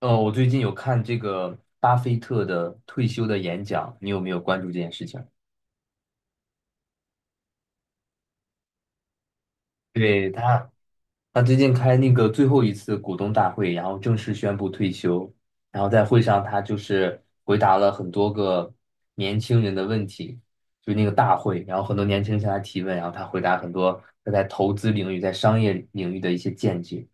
我最近有看这个巴菲特的退休的演讲，你有没有关注这件事情？对，他最近开那个最后一次股东大会，然后正式宣布退休。然后在会上，他就是回答了很多个年轻人的问题，就那个大会，然后很多年轻人向他提问，然后他回答很多他在投资领域、在商业领域的一些见解。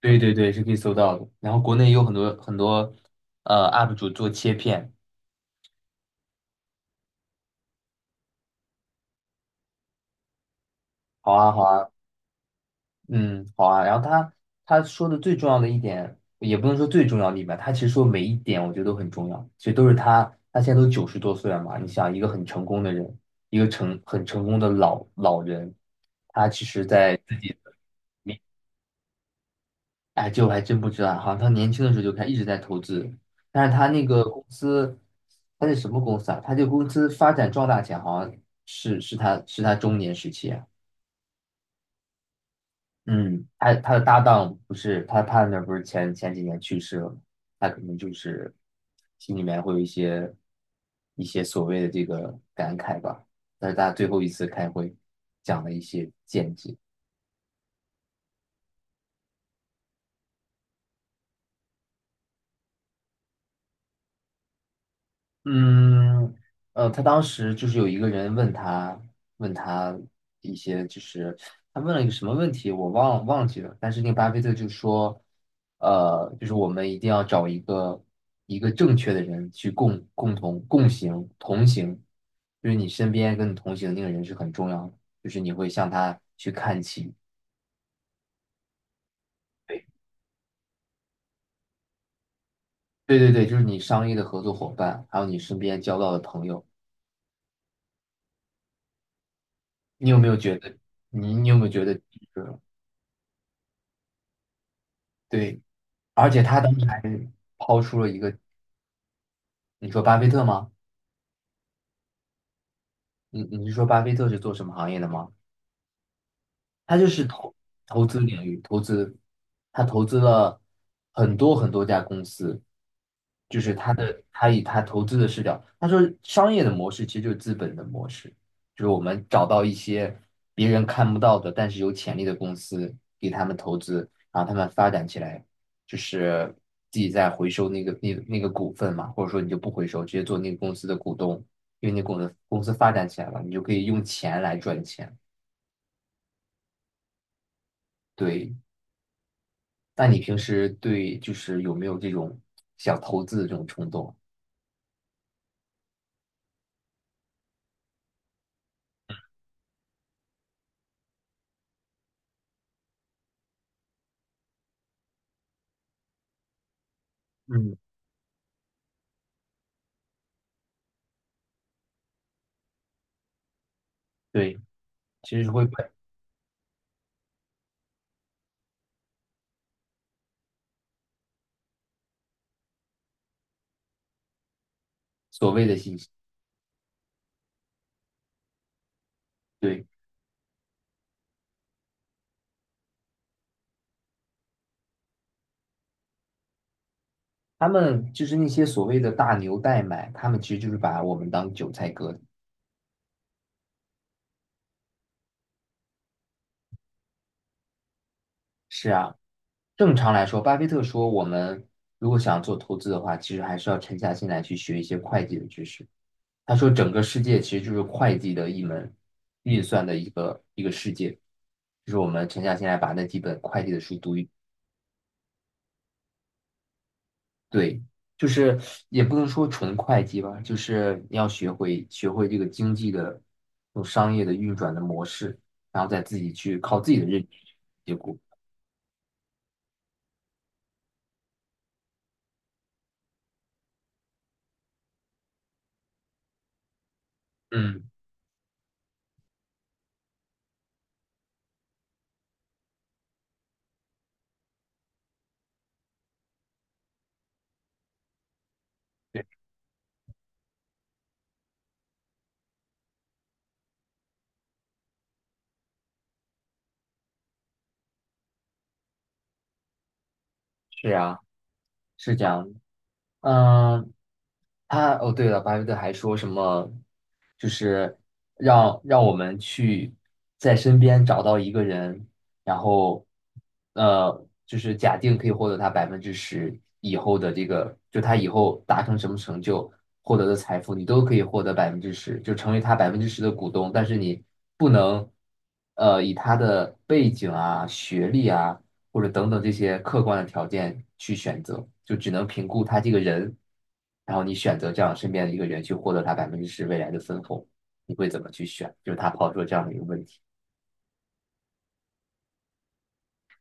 对对对，是可以搜到的。然后国内也有很多很多UP 主做切片。好啊，好啊，嗯，好啊。然后他说的最重要的一点，也不能说最重要的一点吧，他其实说每一点我觉得都很重要，其实都是他他现在都九十多岁了嘛。你想，一个很成功的人，一个成很成功的老人，你哎，这我还真不知道，好像他年轻的时候就开始一直在投资，但是他那个公司，他是什么公司啊？他这个公司发展壮大前，好像是他是他中年时期啊。嗯，他的搭档不是p a 不是前几年去世了吗？他可能就是心里面会有一些一些所谓的这个感慨吧。但是他最后一次开会讲了一些见解。嗯，他当时就是有一个人问他，问他一些，就是他问了一个什么问题，我忘记了。但是那个巴菲特就说，就是我们一定要找一个正确的人去共共同共行同行，就是你身边跟你同行的那个人是很重要的，就是你会向他去看齐。对对对对，就是你商业的合作伙伴，还有你身边交到的朋友。你有没有觉得，你有没有觉得，就是对？而且他当时还抛出了一个，你说巴菲特吗？你是说巴菲特是做什么行业的吗？他就是投资领域，投资，他投资了很多很多家公司，就是他以他投资的视角，他说商业的模式其实就是资本的模式，就是我们找到一些别人看不到的，但是有潜力的公司，给他们投资，然后他们发展起来，就是自己再回收那那个股份嘛，或者说你就不回收，直接做那个公司的股东，因为公司公司发展起来了，你就可以用钱来赚钱。对，那你平时对就是有没有这种想投资的这种冲动？嗯，对，其实是会被所谓的信息，对，他们就是那些所谓的大牛代买，他们其实就是把我们当韭菜割的。是啊，正常来说，巴菲特说，我们如果想做投资的话，其实还是要沉下心来去学一些会计的知识。他说，整个世界其实就是会计的一门运算的一个世界，就是我们沉下心来把那几本会计的书读一，对，就是也不能说纯会计吧，就是你要学会这个经济的这种商业的运转的模式，然后再自己去靠自己的认知去结果。嗯，是啊，是这样的嗯、哦，对了，巴菲特还说什么，就是让我们去在身边找到一个人，然后就是假定可以获得他百分之十以后的这个，就他以后达成什么成就，获得的财富，你都可以获得百分之十，就成为他百分之十的股东，但是你不能以他的背景啊、学历啊。或者等等这些客观的条件去选择，就只能评估他这个人，然后你选择这样身边的一个人去获得他百分之十未来的分红，你会怎么去选？就是他抛出了这样的一个问题，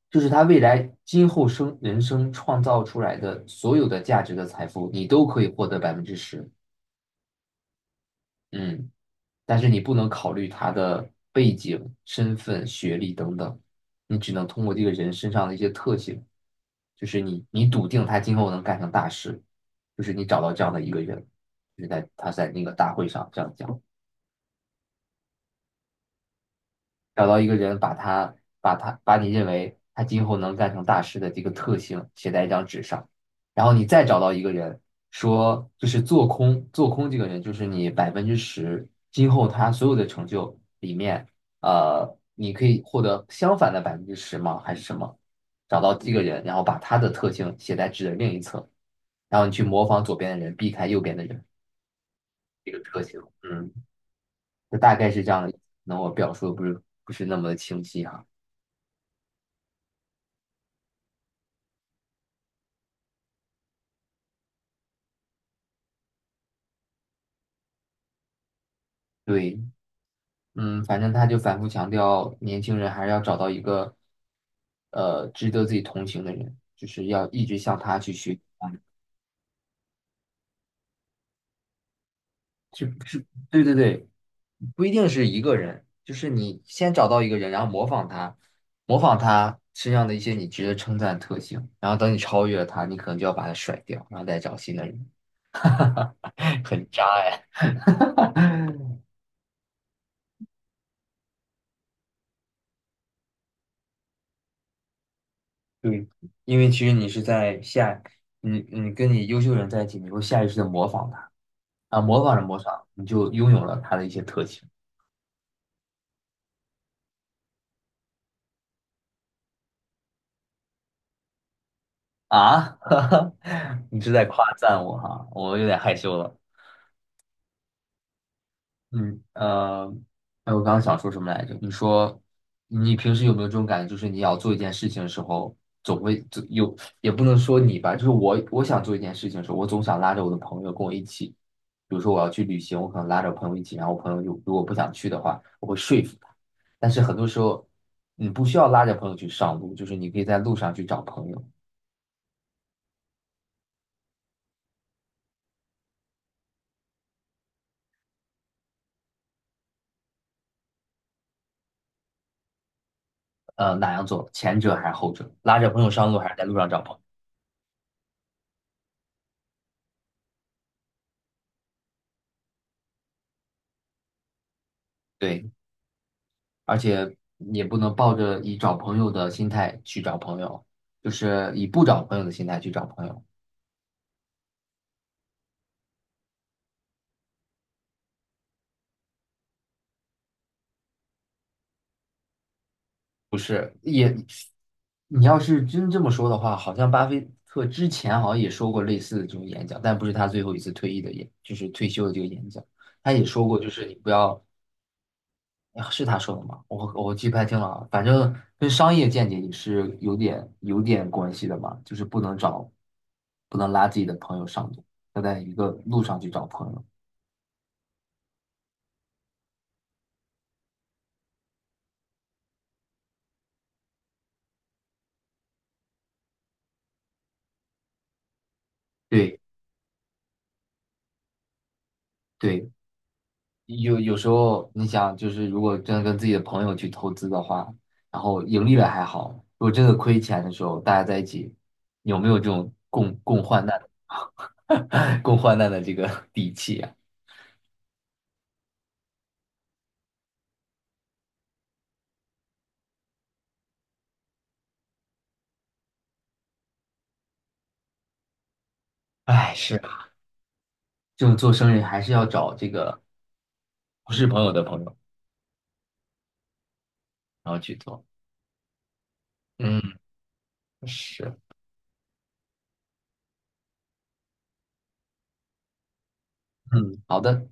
就是他未来今后人生创造出来的所有的价值的财富，你都可以获得百分之十。嗯，但是你不能考虑他的背景、身份、学历等等，你只能通过这个人身上的一些特性，就是你笃定他今后能干成大事，就是你找到这样的一个人，就是在他在那个大会上这样讲。找到一个人，把你认为他今后能干成大事的这个特性写在一张纸上，然后你再找到一个人，说就是做空这个人，就是你百分之十今后他所有的成就里面，呃，你可以获得相反的百分之十吗？还是什么？找到这个人，然后把他的特性写在纸的另一侧，然后你去模仿左边的人，避开右边的人这个特性，嗯，就大概是这样的。那我表述的不是那么的清晰哈、对，嗯，反正他就反复强调，年轻人还是要找到一个，呃，值得自己同情的人，就是要一直向他去学，是是，对对对，不一定是一个人，就是你先找到一个人，然后模仿他，模仿他身上的一些你值得称赞的特性，然后等你超越了他，你可能就要把他甩掉，然后再找新的人，很渣哎。对，因为其实你是在下，你跟你优秀人在一起，你会下意识的模仿他。啊，模仿着模仿，你就拥有了它的一些特性啊！你是在夸赞我哈，我有点害羞了。嗯，哎，我刚刚想说什么来着？你说你平时有没有这种感觉，就是你要做一件事情的时候，总有，也不能说你吧，就是我想做一件事情的时候，我总想拉着我的朋友跟我一起。比如说我要去旅行，我可能拉着朋友一起，然后我朋友就如果不想去的话，我会说服他。但是很多时候，你不需要拉着朋友去上路，就是你可以在路上去找朋友。哪样做？前者还是后者？拉着朋友上路还是在路上找朋友？对，而且也不能抱着以找朋友的心态去找朋友，就是以不找朋友的心态去找朋友，不是？也，你要是真这么说的话，好像巴菲特之前好像也说过类似的这种演讲，但不是他最后一次退役的演，就是退休的这个演讲，他也说过，就是你不要啊是他说的吗？我记不太清了啊反正跟商业见解也是有点关系的嘛，就是不能找，不能拉自己的朋友上路，要在一个路上去找朋友。对对，有时候你想，就是如果真的跟自己的朋友去投资的话，然后盈利了还好，如果真的亏钱的时候，大家在一起有没有这种共患难、共患难的这个底气啊？哎，是啊，这种做生意还是要找这个不是朋友的朋友，然后去做。嗯是，嗯，好的，